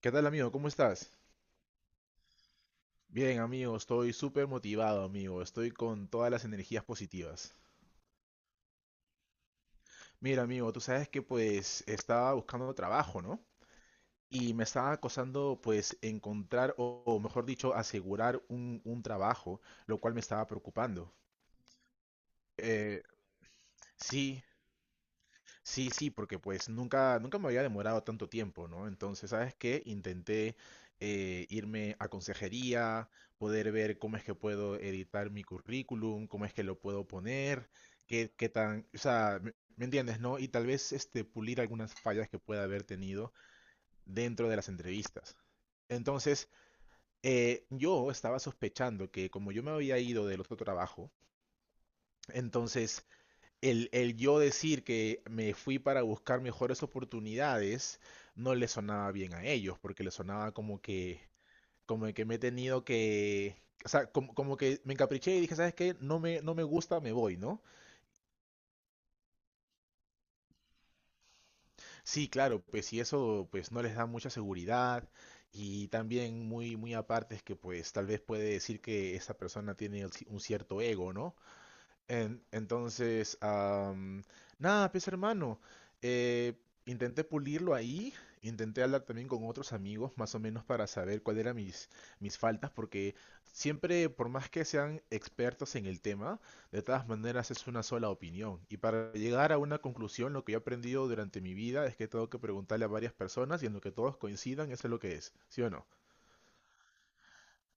¿Qué tal, amigo? ¿Cómo estás? Bien, amigo, estoy súper motivado, amigo. Estoy con todas las energías positivas. Mira, amigo, tú sabes que pues estaba buscando trabajo, ¿no? Y me estaba acosando pues encontrar o mejor dicho, asegurar un trabajo, lo cual me estaba preocupando. Eh, sí, sí, sí, porque pues nunca, nunca me había demorado tanto tiempo, ¿no? Entonces, ¿sabes qué? Intenté irme a consejería, poder ver cómo es que puedo editar mi currículum, cómo es que lo puedo poner, qué tan, o sea, ¿me entiendes, no? Y tal vez este, pulir algunas fallas que pueda haber tenido dentro de las entrevistas. Entonces, yo estaba sospechando que como yo me había ido del otro trabajo, entonces el yo decir que me fui para buscar mejores oportunidades no le sonaba bien a ellos, porque le sonaba como que me he tenido que, o sea, como que me encapriché y dije, ¿sabes qué? No me gusta, me voy, ¿no? Sí, claro, pues si eso pues no les da mucha seguridad y también muy, muy aparte es que pues tal vez puede decir que esa persona tiene un cierto ego, ¿no? Entonces, nada, pues hermano, eh, intenté pulirlo ahí, intenté hablar también con otros amigos, más o menos para saber cuáles eran mis faltas, porque siempre, por más que sean expertos en el tema, de todas maneras es una sola opinión. Y para llegar a una conclusión, lo que yo he aprendido durante mi vida es que tengo que preguntarle a varias personas y en lo que todos coincidan, eso es lo que es, ¿sí o no?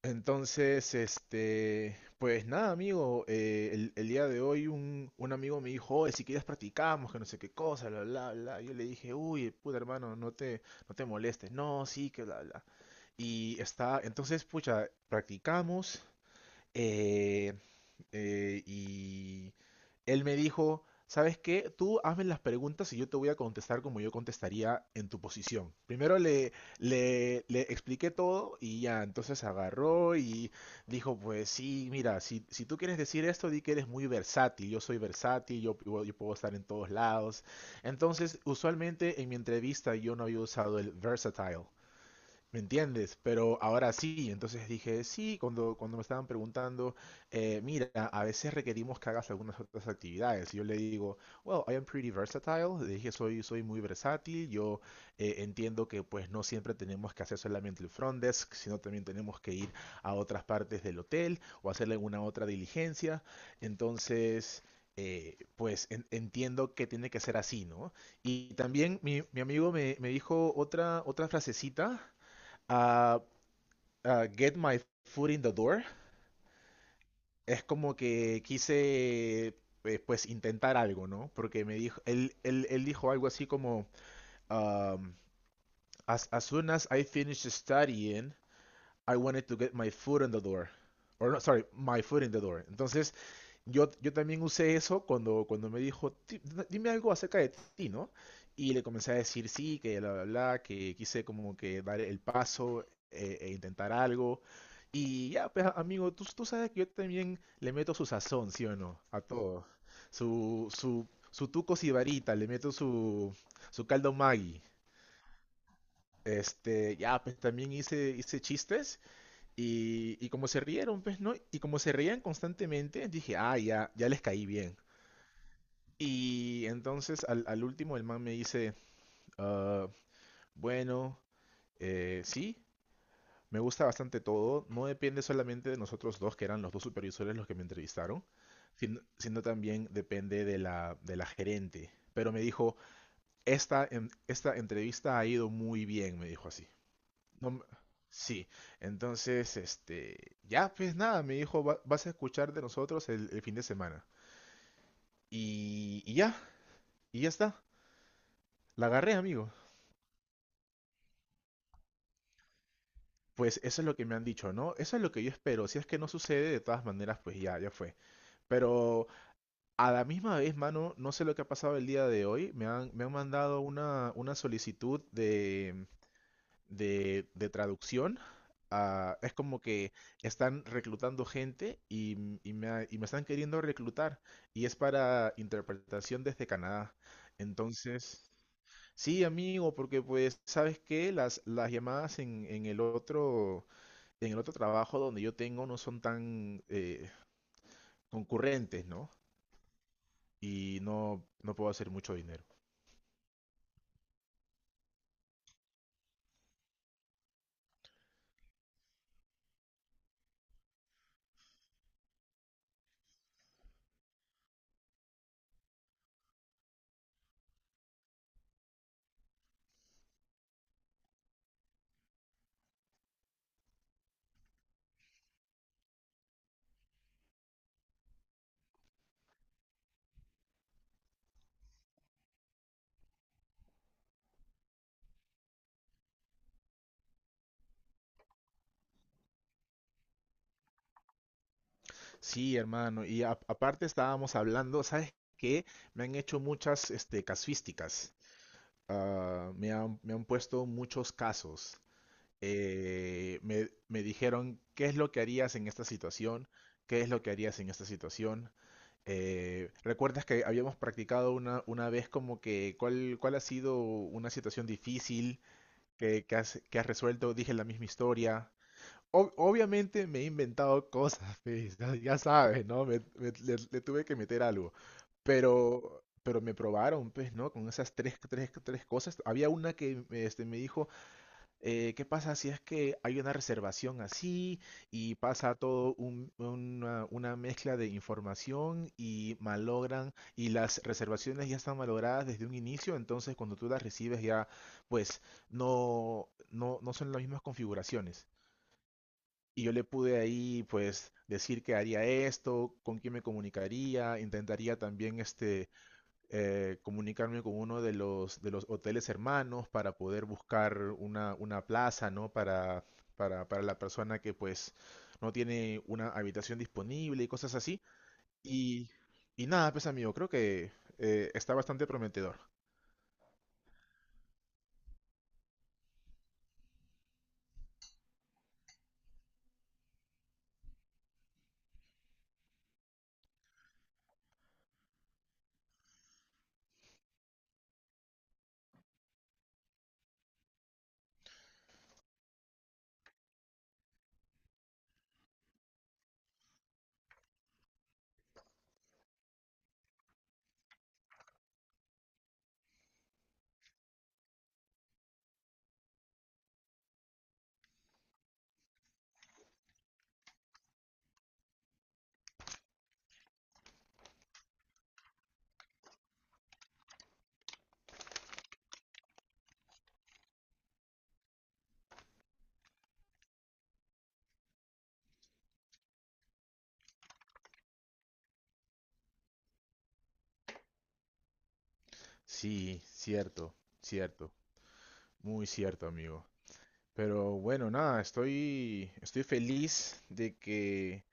Entonces, este, pues nada, amigo, el día de hoy un amigo me dijo, oye, si quieres practicamos, que no sé qué cosa, bla, bla, bla. Yo le dije, uy, puta hermano, no te molestes. No, sí, que bla, bla. Y está, entonces, pucha, practicamos. eh, y él me dijo, ¿sabes qué? Tú hazme las preguntas y yo te voy a contestar como yo contestaría en tu posición. Primero le expliqué todo y ya, entonces agarró y dijo, pues sí, mira, si tú quieres decir esto, di que eres muy versátil, yo soy versátil, yo puedo estar en todos lados. Entonces, usualmente en mi entrevista yo no había usado el versatile. ¿Me entiendes? Pero ahora sí, entonces dije, sí, cuando me estaban preguntando, mira, a veces requerimos que hagas algunas otras actividades. Y yo le digo, well, I am pretty versatile. Le dije, soy muy versátil. Yo entiendo que pues no siempre tenemos que hacer solamente el front desk, sino también tenemos que ir a otras partes del hotel o hacer alguna otra diligencia. Entonces, pues entiendo que tiene que ser así, ¿no? Y también mi amigo me dijo otra frasecita a, a Get My Foot in the Door, es como que quise pues intentar algo, ¿no? Porque me dijo, él dijo algo así como, um, as soon as I finish studying, I wanted to get my foot in the door. Or no, sorry, my foot in the door. Entonces, yo también usé eso cuando me dijo, "Dime algo acerca de ti, ¿no? Y le comencé a decir sí, que bla, bla, bla, que quise como que dar el paso e intentar algo. Y ya, pues amigo, tú sabes que yo también le meto su sazón, ¿sí o no? A todo. Su tuco sibarita, le meto su caldo Maggi. Este, ya, pues también hice chistes y como se rieron, pues, ¿no? Y como se reían constantemente, dije, ah, ya, ya les caí bien. Y entonces al último el man me dice, "Ah, bueno, sí, me gusta bastante todo, no depende solamente de nosotros dos, que eran los dos supervisores los que me entrevistaron, sino también depende de de la gerente. Pero me dijo, esta, esta entrevista ha ido muy bien, me dijo así. No me- Sí, entonces, este, ya, pues nada, me dijo, "Vas a escuchar de nosotros el fin de semana. Y ya, y ya está, la agarré, amigo. Pues eso es lo que me han dicho, ¿no? Eso es lo que yo espero. Si es que no sucede, de todas maneras, pues ya, ya fue. Pero a la misma vez, mano, no sé lo que ha pasado el día de hoy. Me han mandado una solicitud de traducción. Ah, es como que están reclutando gente y me están queriendo reclutar. Y es para interpretación desde Canadá. Entonces, sí, amigo, porque pues, ¿sabes qué? Las llamadas en el otro trabajo donde yo tengo no son tan concurrentes, ¿no? Y no, no puedo hacer mucho dinero. Sí, hermano. Y aparte estábamos hablando, ¿sabes qué? Me han hecho muchas este, casuísticas. Ah, me han puesto muchos casos. Me dijeron, ¿qué es lo que harías en esta situación? ¿Qué es lo que harías en esta situación? ¿Recuerdas que habíamos practicado una vez como que cuál ha sido una situación difícil que has resuelto? Dije la misma historia obviamente me he inventado cosas, pues, ya, ya sabes, ¿no? Le tuve que meter algo. Pero me probaron, pues, ¿no? Con esas tres cosas. Había una que este, me dijo, ¿qué pasa si es que hay una reservación así y pasa todo una mezcla de información y malogran y las reservaciones ya están malogradas desde un inicio? Entonces, cuando tú las recibes ya, pues, no, no, no son las mismas configuraciones. Y yo le pude ahí, pues, decir que haría esto, con quién me comunicaría, intentaría también, este, comunicarme con uno de los hoteles hermanos para poder buscar una plaza, ¿no? Para la persona que, pues, no tiene una habitación disponible y cosas así. Y, y nada, pues, amigo, creo que está bastante prometedor. Sí, cierto, cierto, muy cierto, amigo. Pero bueno, nada, estoy feliz de que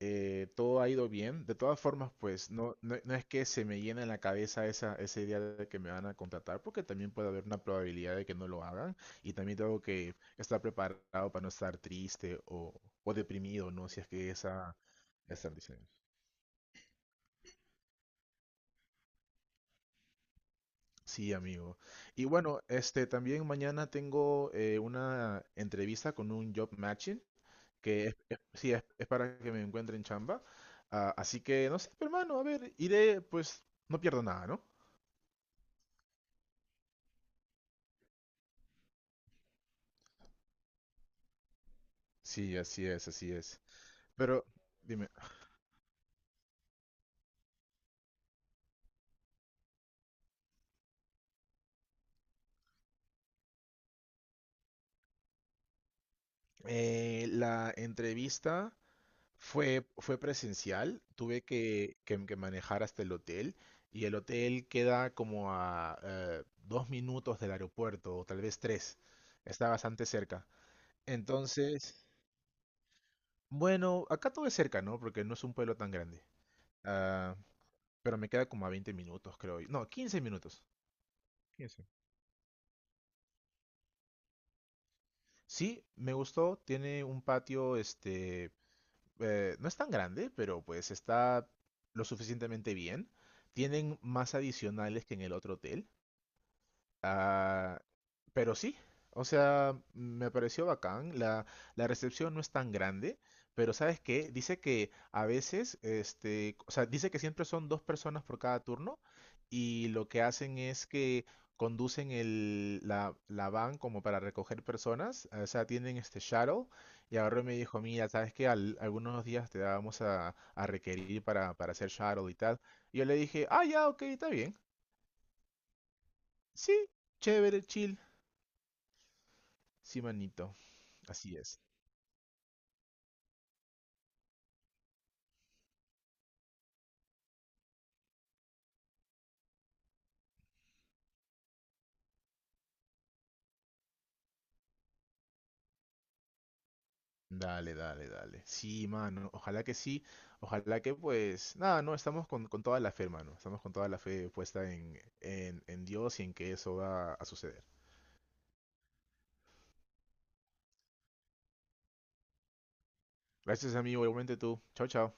todo ha ido bien. De todas formas, pues no, no, no es que se me llene en la cabeza esa idea de que me van a contratar, porque también puede haber una probabilidad de que no lo hagan. Y también tengo que estar preparado para no estar triste o deprimido, ¿no? Si es que esa decisión. Sí, amigo. Y bueno, este también mañana tengo una entrevista con un job matching. Que sí, es para que me encuentren chamba. Ah, así que, no sé, pero, hermano, a ver, iré, pues, no pierdo nada, ¿no? Sí, así es, así es. Pero, dime, la entrevista fue presencial, tuve que manejar hasta el hotel y el hotel queda como a dos minutos del aeropuerto, o tal vez tres, está bastante cerca. Entonces, bueno, acá todo es cerca, ¿no? Porque no es un pueblo tan grande. Ah, pero me queda como a 20 minutos, creo. No, 15 minutos. 15. Sí, me gustó. Tiene un patio, este, no es tan grande, pero pues está lo suficientemente bien. Tienen más adicionales que en el otro hotel. Ah, pero sí, o sea, me pareció bacán. La recepción no es tan grande, pero ¿sabes qué? Dice que a veces, este, o sea, dice que siempre son dos personas por cada turno y lo que hacen es que conducen la van como para recoger personas, o sea, tienen este shuttle y ahora me dijo, mira, ¿sabes qué? Algunos días te vamos a requerir para hacer shuttle y tal. Y yo le dije, ah, ya, ok, está bien. Sí, chévere, chill. Sí, manito, así es. Dale, dale, dale. Sí, mano, ojalá que sí, ojalá que pues, nada, no, estamos con toda la fe, mano, estamos con toda la fe puesta en Dios y en que eso va a suceder. Gracias, amigo, igualmente tú. Chao, chao.